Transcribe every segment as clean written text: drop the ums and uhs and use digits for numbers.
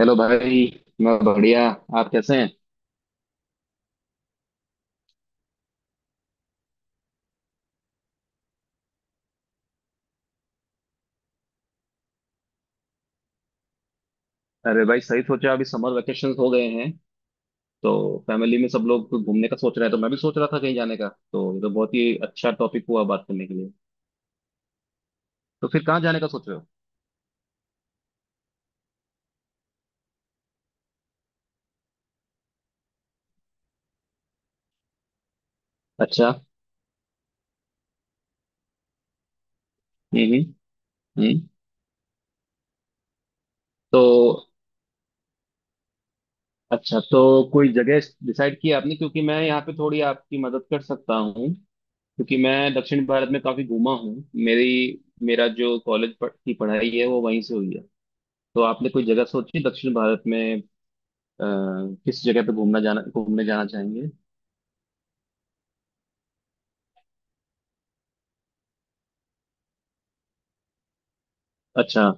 Hello भाई। मैं बढ़िया। आप कैसे हैं। अरे भाई सही सोचा। अभी समर वेकेशन हो गए हैं तो फैमिली में सब लोग घूमने का सोच रहे हैं, तो मैं भी सोच रहा था कहीं जाने का। तो ये तो बहुत ही अच्छा टॉपिक हुआ बात करने के लिए। तो फिर कहाँ जाने का सोच रहे हो। अच्छा। हम्म। हम्म। हम्म। तो अच्छा, तो कोई जगह डिसाइड की आपने? क्योंकि मैं यहाँ पे थोड़ी आपकी मदद कर सकता हूँ, क्योंकि मैं दक्षिण भारत में काफी घूमा हूँ। मेरी मेरा जो कॉलेज की पढ़ाई है वो वहीं से हुई है। तो आपने कोई जगह सोची दक्षिण भारत में? किस जगह पे घूमना जाना घूमने जाना चाहेंगे। अच्छा।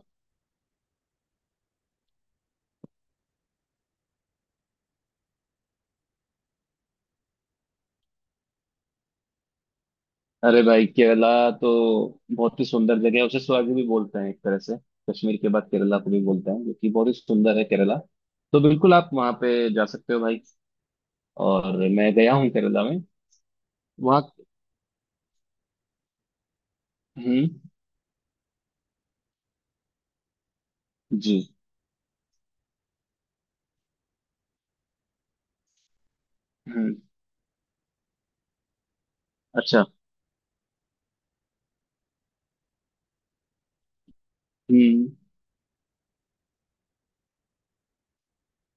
अरे भाई केरला तो बहुत ही सुंदर जगह है, उसे स्वर्ग भी बोलते हैं एक तरह से। कश्मीर के बाद केरला को भी बोलते हैं, जो कि बहुत ही सुंदर है केरला। तो बिल्कुल आप वहाँ पे जा सकते हो भाई। और मैं गया हूँ केरला में। वहाँ। हम्म। जी। हम्म। अच्छा। हम्म।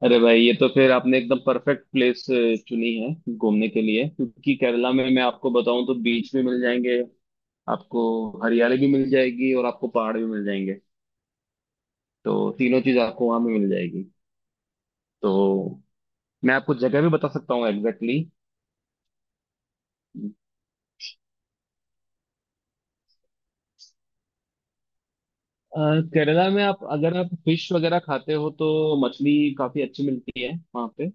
अरे भाई, ये तो फिर आपने एकदम परफेक्ट प्लेस चुनी है घूमने के लिए। क्योंकि केरला में मैं आपको बताऊं, तो बीच भी मिल जाएंगे आपको, हरियाली भी मिल जाएगी, और आपको पहाड़ भी मिल जाएंगे। तो तीनों चीज आपको वहां पे मिल जाएगी। तो मैं आपको जगह भी बता सकता हूँ एग्जैक्टली। केरला में आप अगर आप फिश वगैरह खाते हो तो मछली काफी अच्छी मिलती है वहाँ पे।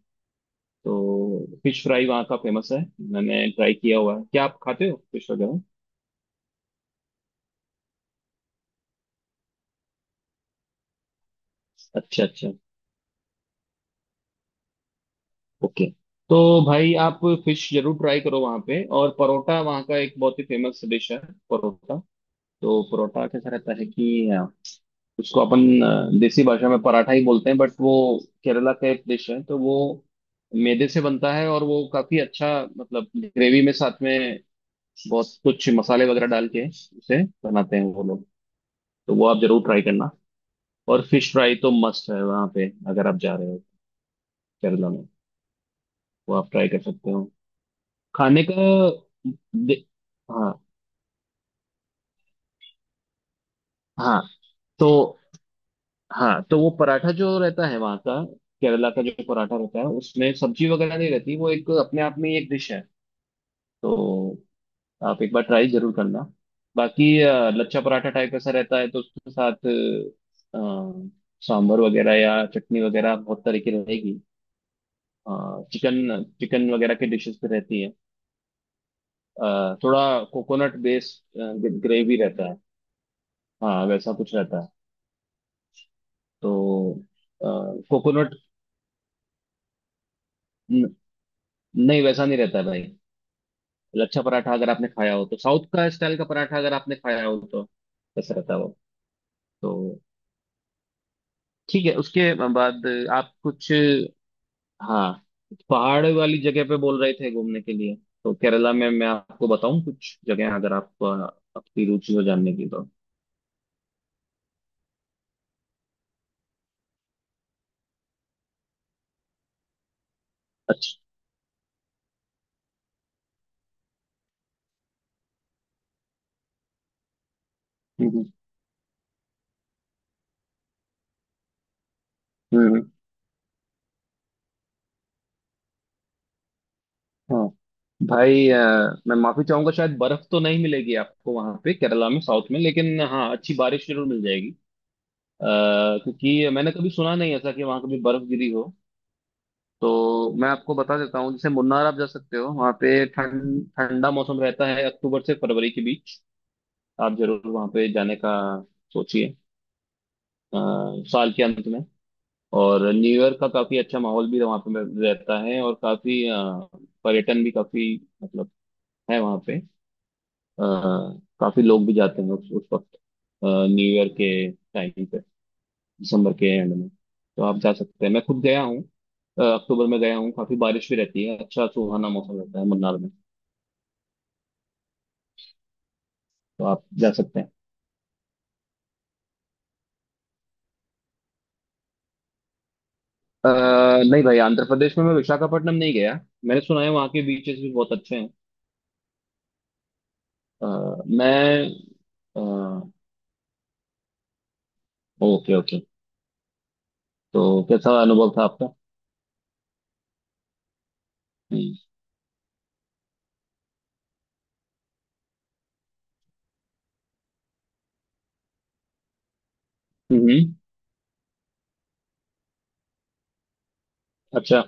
तो फिश फ्राई वहाँ का फेमस है, मैंने ट्राई किया हुआ है। क्या आप खाते हो फिश वगैरह? अच्छा, अच्छा। ओके। तो भाई आप फिश जरूर ट्राई करो वहाँ पे। और परोठा वहाँ का एक बहुत ही फेमस डिश है, परोठा। तो परोठा कैसा रहता है कि उसको अपन देसी भाषा में पराठा ही बोलते हैं, बट वो केरला का एक डिश है। तो वो मैदे से बनता है और वो काफी अच्छा, मतलब ग्रेवी में साथ में बहुत कुछ मसाले वगैरह डाल के उसे बनाते हैं वो लोग। तो वो आप जरूर ट्राई करना। और फिश फ्राई तो मस्ट है वहां पे अगर आप जा रहे हो केरला में, वो आप ट्राई कर सकते हो। खाने का। दे- हाँ। हाँ तो हाँ तो वो पराठा जो रहता है वहाँ का, केरला का जो पराठा रहता है उसमें सब्जी वगैरह नहीं रहती, वो एक अपने आप में ही एक डिश है। तो आप एक बार ट्राई जरूर करना। बाकी लच्छा पराठा टाइप ऐसा रहता है तो उसके साथ अ, सांभर वगैरह या चटनी वगैरह बहुत तरीके रहेगी। चिकन चिकन वगैरह की डिशेस भी रहती है। थोड़ा कोकोनट बेस्ड ग्रेवी रहता है। हाँ वैसा कुछ रहता है। तो कोकोनट नहीं, वैसा नहीं रहता है भाई। लच्छा पराठा अगर आपने खाया हो, तो साउथ का स्टाइल का पराठा अगर आपने खाया हो, तो वैसा रहता है वो। तो ठीक है। उसके बाद आप कुछ, हाँ, पहाड़ वाली जगह पे बोल रहे थे घूमने के लिए। तो केरला में मैं आपको बताऊं कुछ जगह, अगर आप आपकी रुचि हो जानने की तो। अच्छा। हम्म। हम्म। हम्म। भाई, मैं माफी चाहूंगा। शायद बर्फ तो नहीं मिलेगी आपको वहां पे केरला में साउथ में, लेकिन हाँ अच्छी बारिश जरूर मिल जाएगी। अ, क्योंकि मैंने कभी सुना नहीं ऐसा कि वहां कभी बर्फ गिरी हो। तो मैं आपको बता देता हूँ, जैसे मुन्नार आप जा सकते हो। वहां पे ठंडा मौसम रहता है अक्टूबर से फरवरी के बीच। आप जरूर वहां पे जाने का सोचिए, अ, साल के अंत में। और न्यू ईयर का काफी अच्छा माहौल भी वहां पे रहता है, और काफी पर्यटन भी काफी, मतलब, है वहां पे। अ, काफी लोग भी जाते हैं उस वक्त, न्यू ईयर के टाइम पे, दिसंबर के एंड में। तो आप जा सकते हैं, मैं खुद गया हूँ। अक्टूबर में गया हूँ, काफी बारिश भी रहती है, अच्छा सुहाना मौसम रहता है मन्नार में। तो आप जा सकते हैं। अ, नहीं भाई, आंध्र प्रदेश में मैं विशाखापट्टनम नहीं गया। मैंने सुना है वहाँ के बीचेस भी बहुत अच्छे हैं। अ, मैं ओके, ओके। तो कैसा अनुभव था आपका? हम्म। हम्म। अच्छा।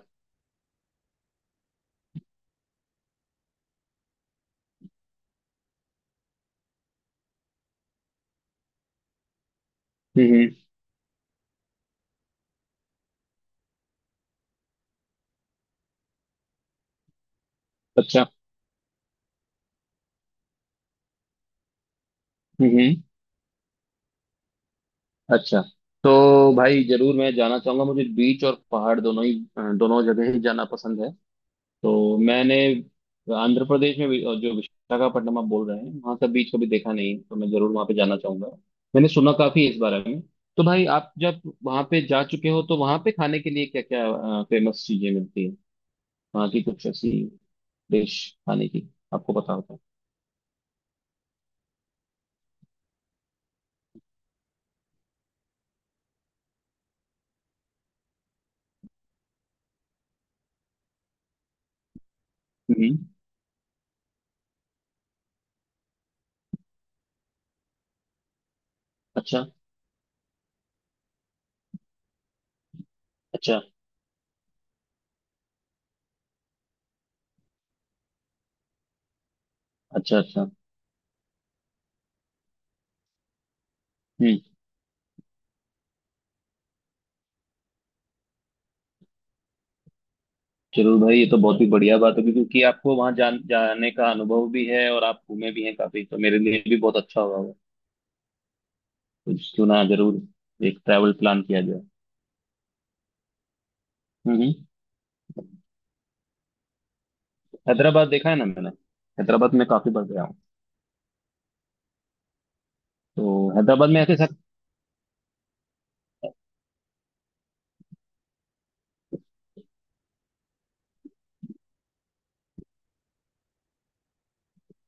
हम्म। हम्म। अच्छा। हम्म। अच्छा। तो भाई जरूर मैं जाना चाहूंगा, मुझे बीच और पहाड़ दोनों ही, दोनों जगह ही जाना पसंद है। तो मैंने आंध्र प्रदेश में जो विशाखापट्टनम आप बोल रहे हैं वहां का बीच कभी देखा नहीं है, तो मैं जरूर वहां पे जाना चाहूंगा। मैंने सुना काफी है इस बारे में। तो भाई आप जब वहां पे जा चुके हो, तो वहां पे खाने के लिए क्या क्या फेमस चीजें मिलती है? वहां की कुछ ऐसी डिश खाने की आपको पता होता है? हम्म। अच्छा, अच्छा। अच्छा, अच्छा। हम्म। जरूर भाई, ये तो बहुत ही बढ़िया बात होगी। क्योंकि आपको वहां जाने का अनुभव भी है और आप घूमे भी हैं काफी, तो मेरे लिए भी बहुत अच्छा होगा वो। तो क्यों ना जरूर एक ट्रैवल प्लान किया जाए। हम्म। हम्म। हैदराबाद देखा है ना मैंने। हैदराबाद में काफी बार गया हूँ। तो हैदराबाद में ऐसे सब।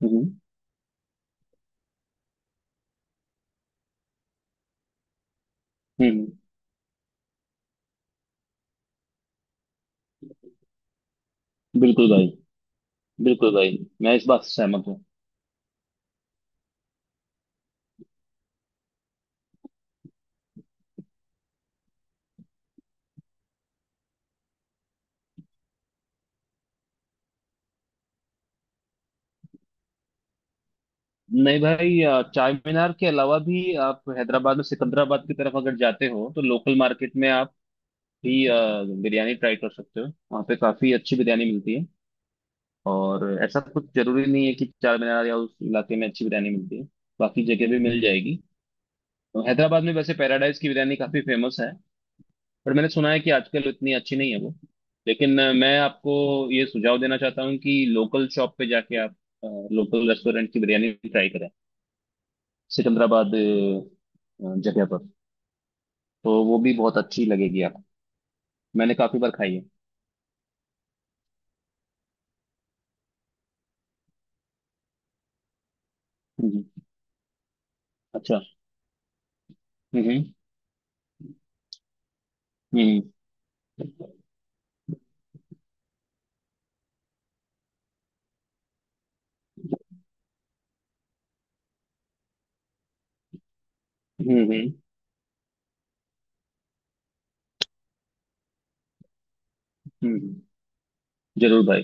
हम्म। हम्म। हम्म। हम्म। बिल्कुल भाई। बिल्कुल भाई, मैं इस बात से सहमत हूँ। नहीं भाई, चार मीनार के अलावा भी आप हैदराबाद में सिकंदराबाद की तरफ अगर जाते हो, तो लोकल मार्केट में आप भी बिरयानी ट्राई कर सकते हो। वहाँ पे काफी अच्छी बिरयानी मिलती है। और ऐसा कुछ जरूरी नहीं है कि चार मीनार या उस इलाके में अच्छी बिरयानी मिलती है, बाकी जगह भी मिल जाएगी। तो हैदराबाद में वैसे पैराडाइज की बिरयानी काफी फेमस है। पर मैंने सुना है कि आजकल इतनी अच्छी नहीं है वो। लेकिन मैं आपको ये सुझाव देना चाहता हूँ कि लोकल शॉप पे जाके आप लोकल रेस्टोरेंट की बिरयानी ट्राई करें, सिकंदराबाद जगह पर। तो वो भी बहुत अच्छी लगेगी आपको। मैंने काफी बार खाई है। हम्म। अच्छा। हम्म। हम्म। हम्म। हम्म। हम्म। हम्म। जरूर भाई।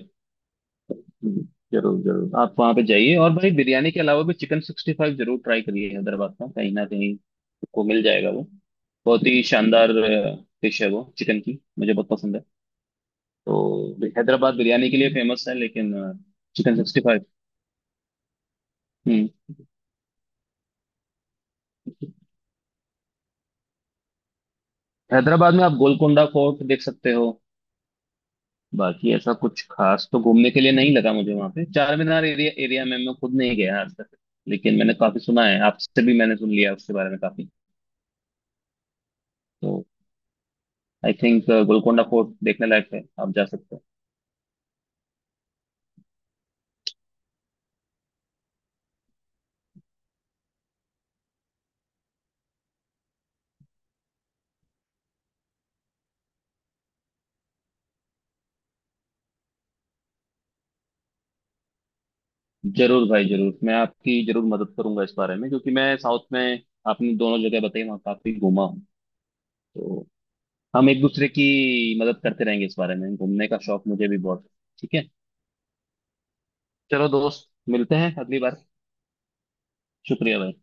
हम्म। जरूर, जरूर आप वहां पे जाइए। और भाई बिरयानी के अलावा भी चिकन 65 जरूर ट्राई करिए हैदराबाद का, कहीं ना कहीं आपको मिल जाएगा वो। बहुत ही शानदार डिश है वो चिकन की, मुझे बहुत पसंद है। तो हैदराबाद बिरयानी के लिए फेमस है, लेकिन चिकन 65। हम्म। हैदराबाद में आप गोलकोंडा फोर्ट देख सकते हो। बाकी ऐसा कुछ खास तो घूमने के लिए नहीं लगा मुझे वहां पे। चार मीनार एरिया एरिया में मैं खुद नहीं गया आज तक। लेकिन मैंने काफी सुना है, आपसे भी मैंने सुन लिया उसके बारे में काफी। तो आई थिंक गोलकोंडा फोर्ट देखने लायक है, आप जा सकते हो। जरूर भाई, जरूर मैं आपकी जरूर मदद करूंगा इस बारे में। क्योंकि मैं साउथ में, आपने दोनों जगह बताई, वहाँ काफी घूमा हूँ। तो हम एक दूसरे की मदद करते रहेंगे इस बारे में। घूमने का शौक मुझे भी बहुत है। ठीक है। चलो दोस्त, मिलते हैं अगली बार। शुक्रिया भाई।